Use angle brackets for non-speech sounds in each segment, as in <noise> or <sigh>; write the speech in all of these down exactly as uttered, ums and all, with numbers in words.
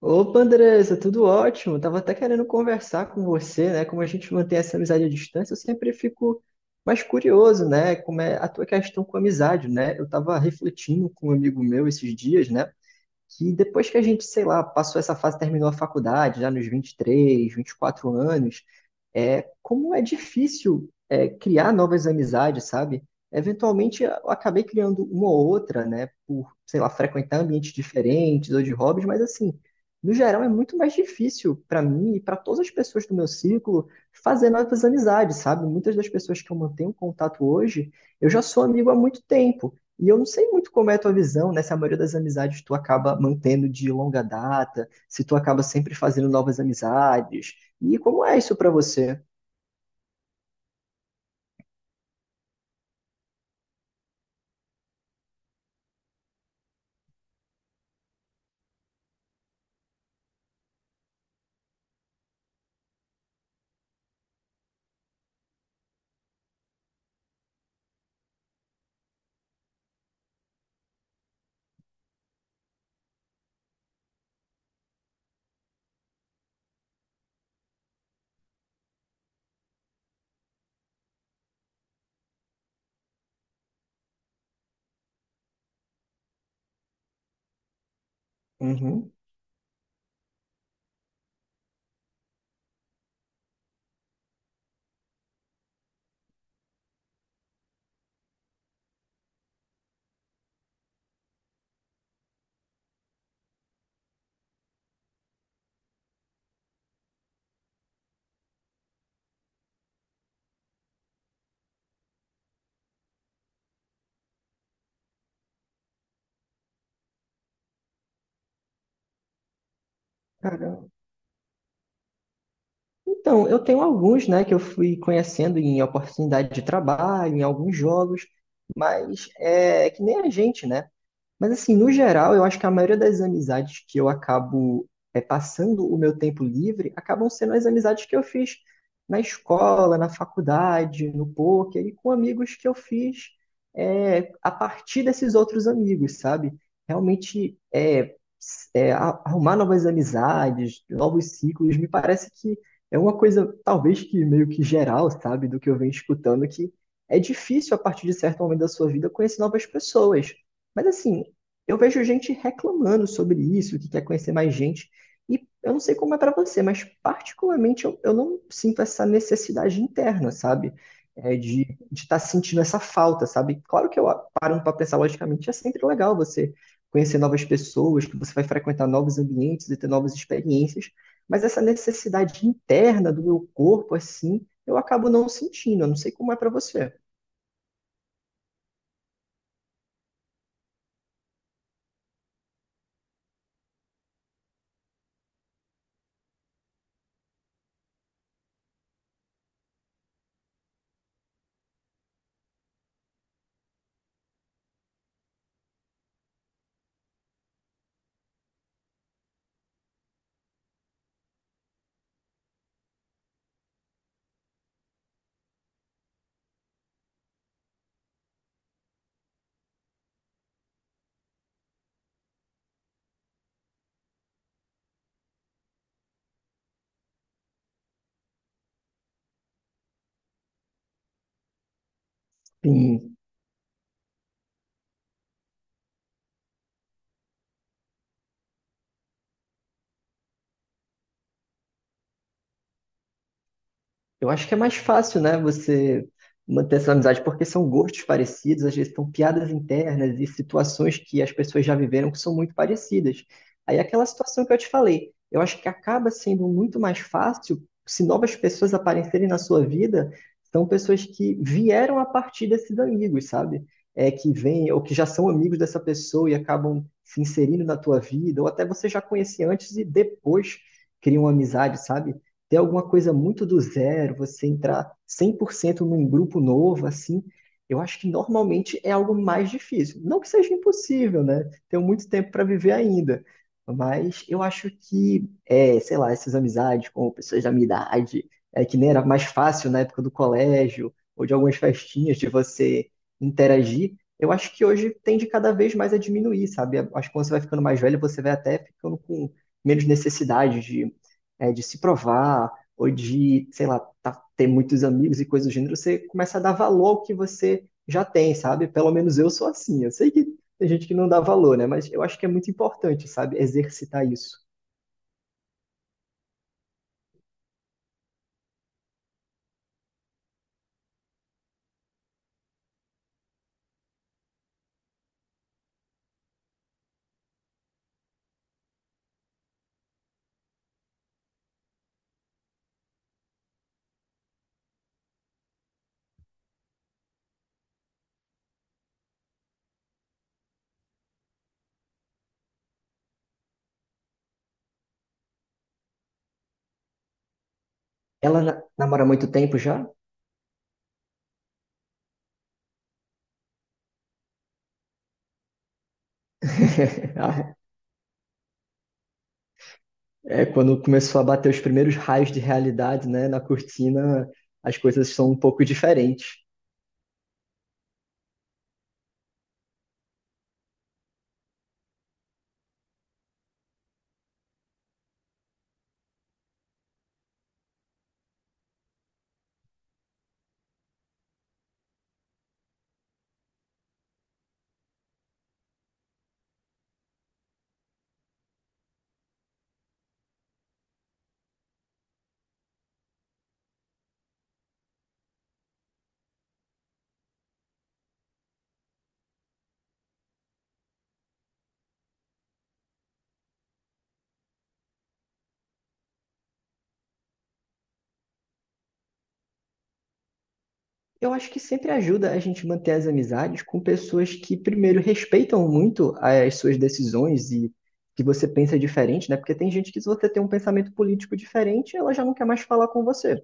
Opa, Andressa, tudo ótimo. Tava até querendo conversar com você, né? Como a gente mantém essa amizade à distância, eu sempre fico mais curioso, né? Como é a tua questão com a amizade, né? Eu tava refletindo com um amigo meu esses dias, né? Que depois que a gente, sei lá, passou essa fase, terminou a faculdade, já nos vinte vinte e três, vinte e quatro anos, é, como é difícil é, criar novas amizades, sabe? Eventualmente eu acabei criando uma ou outra, né, por, sei lá, frequentar ambientes diferentes ou de hobbies, mas assim, no geral é muito mais difícil para mim e para todas as pessoas do meu círculo fazer novas amizades, sabe? Muitas das pessoas que eu mantenho contato hoje, eu já sou amigo há muito tempo. E eu não sei muito como é a tua visão, né? Se a maioria das amizades tu acaba mantendo de longa data, se tu acaba sempre fazendo novas amizades. E como é isso pra você? Uhum. Caramba. Então, eu tenho alguns, né, que eu fui conhecendo em oportunidade de trabalho, em alguns jogos, mas é que nem a gente, né? Mas assim, no geral, eu acho que a maioria das amizades que eu acabo é, passando o meu tempo livre acabam sendo as amizades que eu fiz na escola, na faculdade, no poker e com amigos que eu fiz é, a partir desses outros amigos, sabe? Realmente é, é, a- arrumar novas amizades, novos ciclos, me parece que é uma coisa talvez que meio que geral, sabe? Do que eu venho escutando que é difícil a partir de certo momento da sua vida conhecer novas pessoas. Mas assim, eu vejo gente reclamando sobre isso, que quer conhecer mais gente. E eu não sei como é para você, mas particularmente eu, eu não sinto essa necessidade interna, sabe? É, de estar sentindo essa falta, sabe? Claro que eu parando para pensar logicamente, é sempre legal você conhecer novas pessoas, que você vai frequentar novos ambientes e ter novas experiências, mas essa necessidade interna do meu corpo, assim, eu acabo não sentindo. Eu não sei como é para você. Eu acho que é mais fácil, né, você manter essa amizade, porque são gostos parecidos, às vezes são piadas internas e situações que as pessoas já viveram que são muito parecidas. Aí é aquela situação que eu te falei, eu acho que acaba sendo muito mais fácil se novas pessoas aparecerem na sua vida, são pessoas que vieram a partir desses amigos, sabe? É, que vêm ou que já são amigos dessa pessoa e acabam se inserindo na tua vida, ou até você já conhecia antes e depois criam uma amizade, sabe? Ter alguma coisa muito do zero, você entrar cem por cento num grupo novo, assim, eu acho que normalmente é algo mais difícil. Não que seja impossível, né? Tenho muito tempo para viver ainda. Mas eu acho que, é, sei lá, essas amizades com pessoas da minha idade, é, que nem era mais fácil na época do colégio, ou de algumas festinhas, de você interagir, eu acho que hoje tende cada vez mais a diminuir, sabe? Acho que quando você vai ficando mais velho, você vai até ficando com menos necessidade de é, de se provar, ou de, sei lá, tá- ter muitos amigos e coisas do gênero, você começa a dar valor ao que você já tem, sabe? Pelo menos eu sou assim. Eu sei que tem gente que não dá valor, né? Mas eu acho que é muito importante, sabe? Exercitar isso. Ela na- namora há muito tempo já? <laughs> Ah, é, quando começou a bater os primeiros raios de realidade, né, na cortina, as coisas são um pouco diferentes. Eu acho que sempre ajuda a gente manter as amizades com pessoas que, primeiro, respeitam muito as suas decisões e que você pensa diferente, né? Porque tem gente que, se você tem um pensamento político diferente, ela já não quer mais falar com você.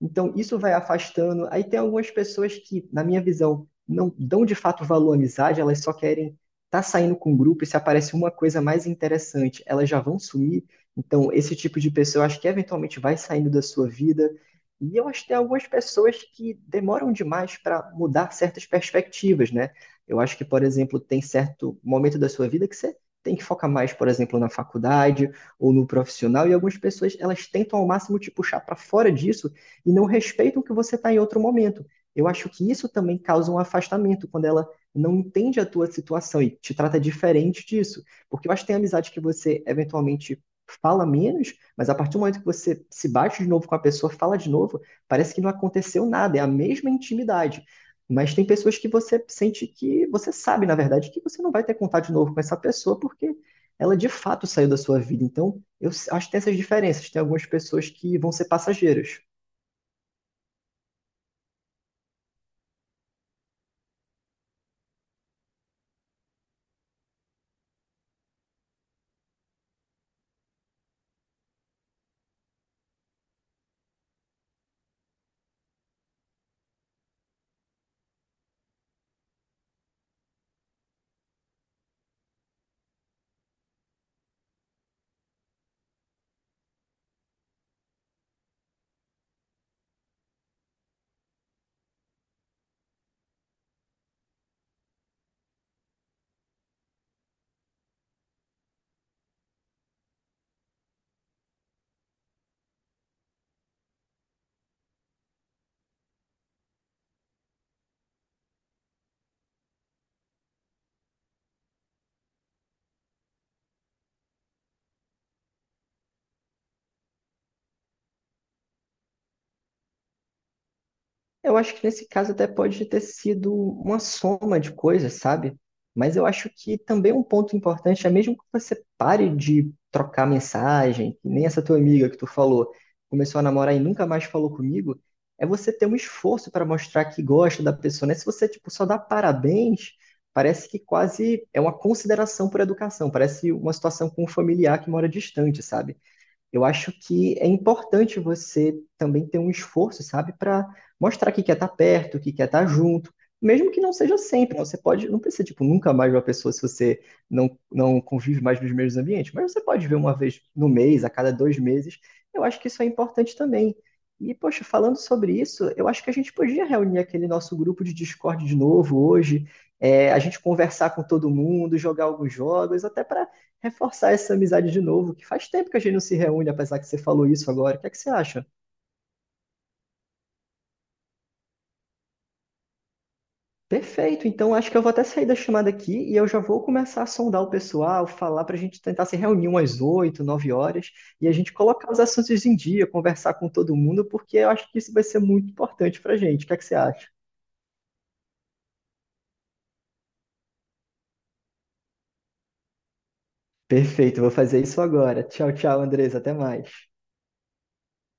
Então, isso vai afastando. Aí tem algumas pessoas que, na minha visão, não dão de fato valor à amizade, elas só querem estar tá saindo com o grupo e se aparece uma coisa mais interessante, elas já vão sumir. Então, esse tipo de pessoa, eu acho que eventualmente vai saindo da sua vida. E eu acho que tem algumas pessoas que demoram demais para mudar certas perspectivas, né? Eu acho que, por exemplo, tem certo momento da sua vida que você tem que focar mais, por exemplo, na faculdade ou no profissional, e algumas pessoas elas tentam ao máximo te puxar para fora disso e não respeitam que você está em outro momento. Eu acho que isso também causa um afastamento quando ela não entende a tua situação e te trata diferente disso. Porque eu acho que tem amizade que você eventualmente fala menos, mas a partir do momento que você se bate de novo com a pessoa, fala de novo, parece que não aconteceu nada, é a mesma intimidade. Mas tem pessoas que você sente que você sabe, na verdade, que você não vai ter contato de novo com essa pessoa porque ela de fato saiu da sua vida. Então, eu acho que tem essas diferenças. Tem algumas pessoas que vão ser passageiras. Eu acho que nesse caso até pode ter sido uma soma de coisas, sabe? Mas eu acho que também um ponto importante é mesmo que você pare de trocar mensagem, que nem essa tua amiga que tu falou, começou a namorar e nunca mais falou comigo, é você ter um esforço para mostrar que gosta da pessoa, né? Se você, tipo, só dá parabéns, parece que quase é uma consideração por educação, parece uma situação com um familiar que mora distante, sabe? Eu acho que é importante você também ter um esforço, sabe, para mostrar que quer estar perto, que quer estar junto, mesmo que não seja sempre. Né? Você pode, não precisa, tipo, nunca mais ver uma pessoa se você não, não convive mais nos mesmos ambientes, mas você pode ver uma vez no mês, a cada dois meses. Eu acho que isso é importante também. E, poxa, falando sobre isso, eu acho que a gente podia reunir aquele nosso grupo de Discord de novo hoje, é, a gente conversar com todo mundo, jogar alguns jogos, até para reforçar essa amizade de novo, que faz tempo que a gente não se reúne, apesar que você falou isso agora. O que é que você acha? Perfeito, então acho que eu vou até sair da chamada aqui e eu já vou começar a sondar o pessoal, falar para a gente tentar se reunir umas oito nove horas e a gente colocar os assuntos em dia, conversar com todo mundo, porque eu acho que isso vai ser muito importante para a gente. O que é que você acha? Perfeito, vou fazer isso agora. Tchau, tchau, Andresa, até mais.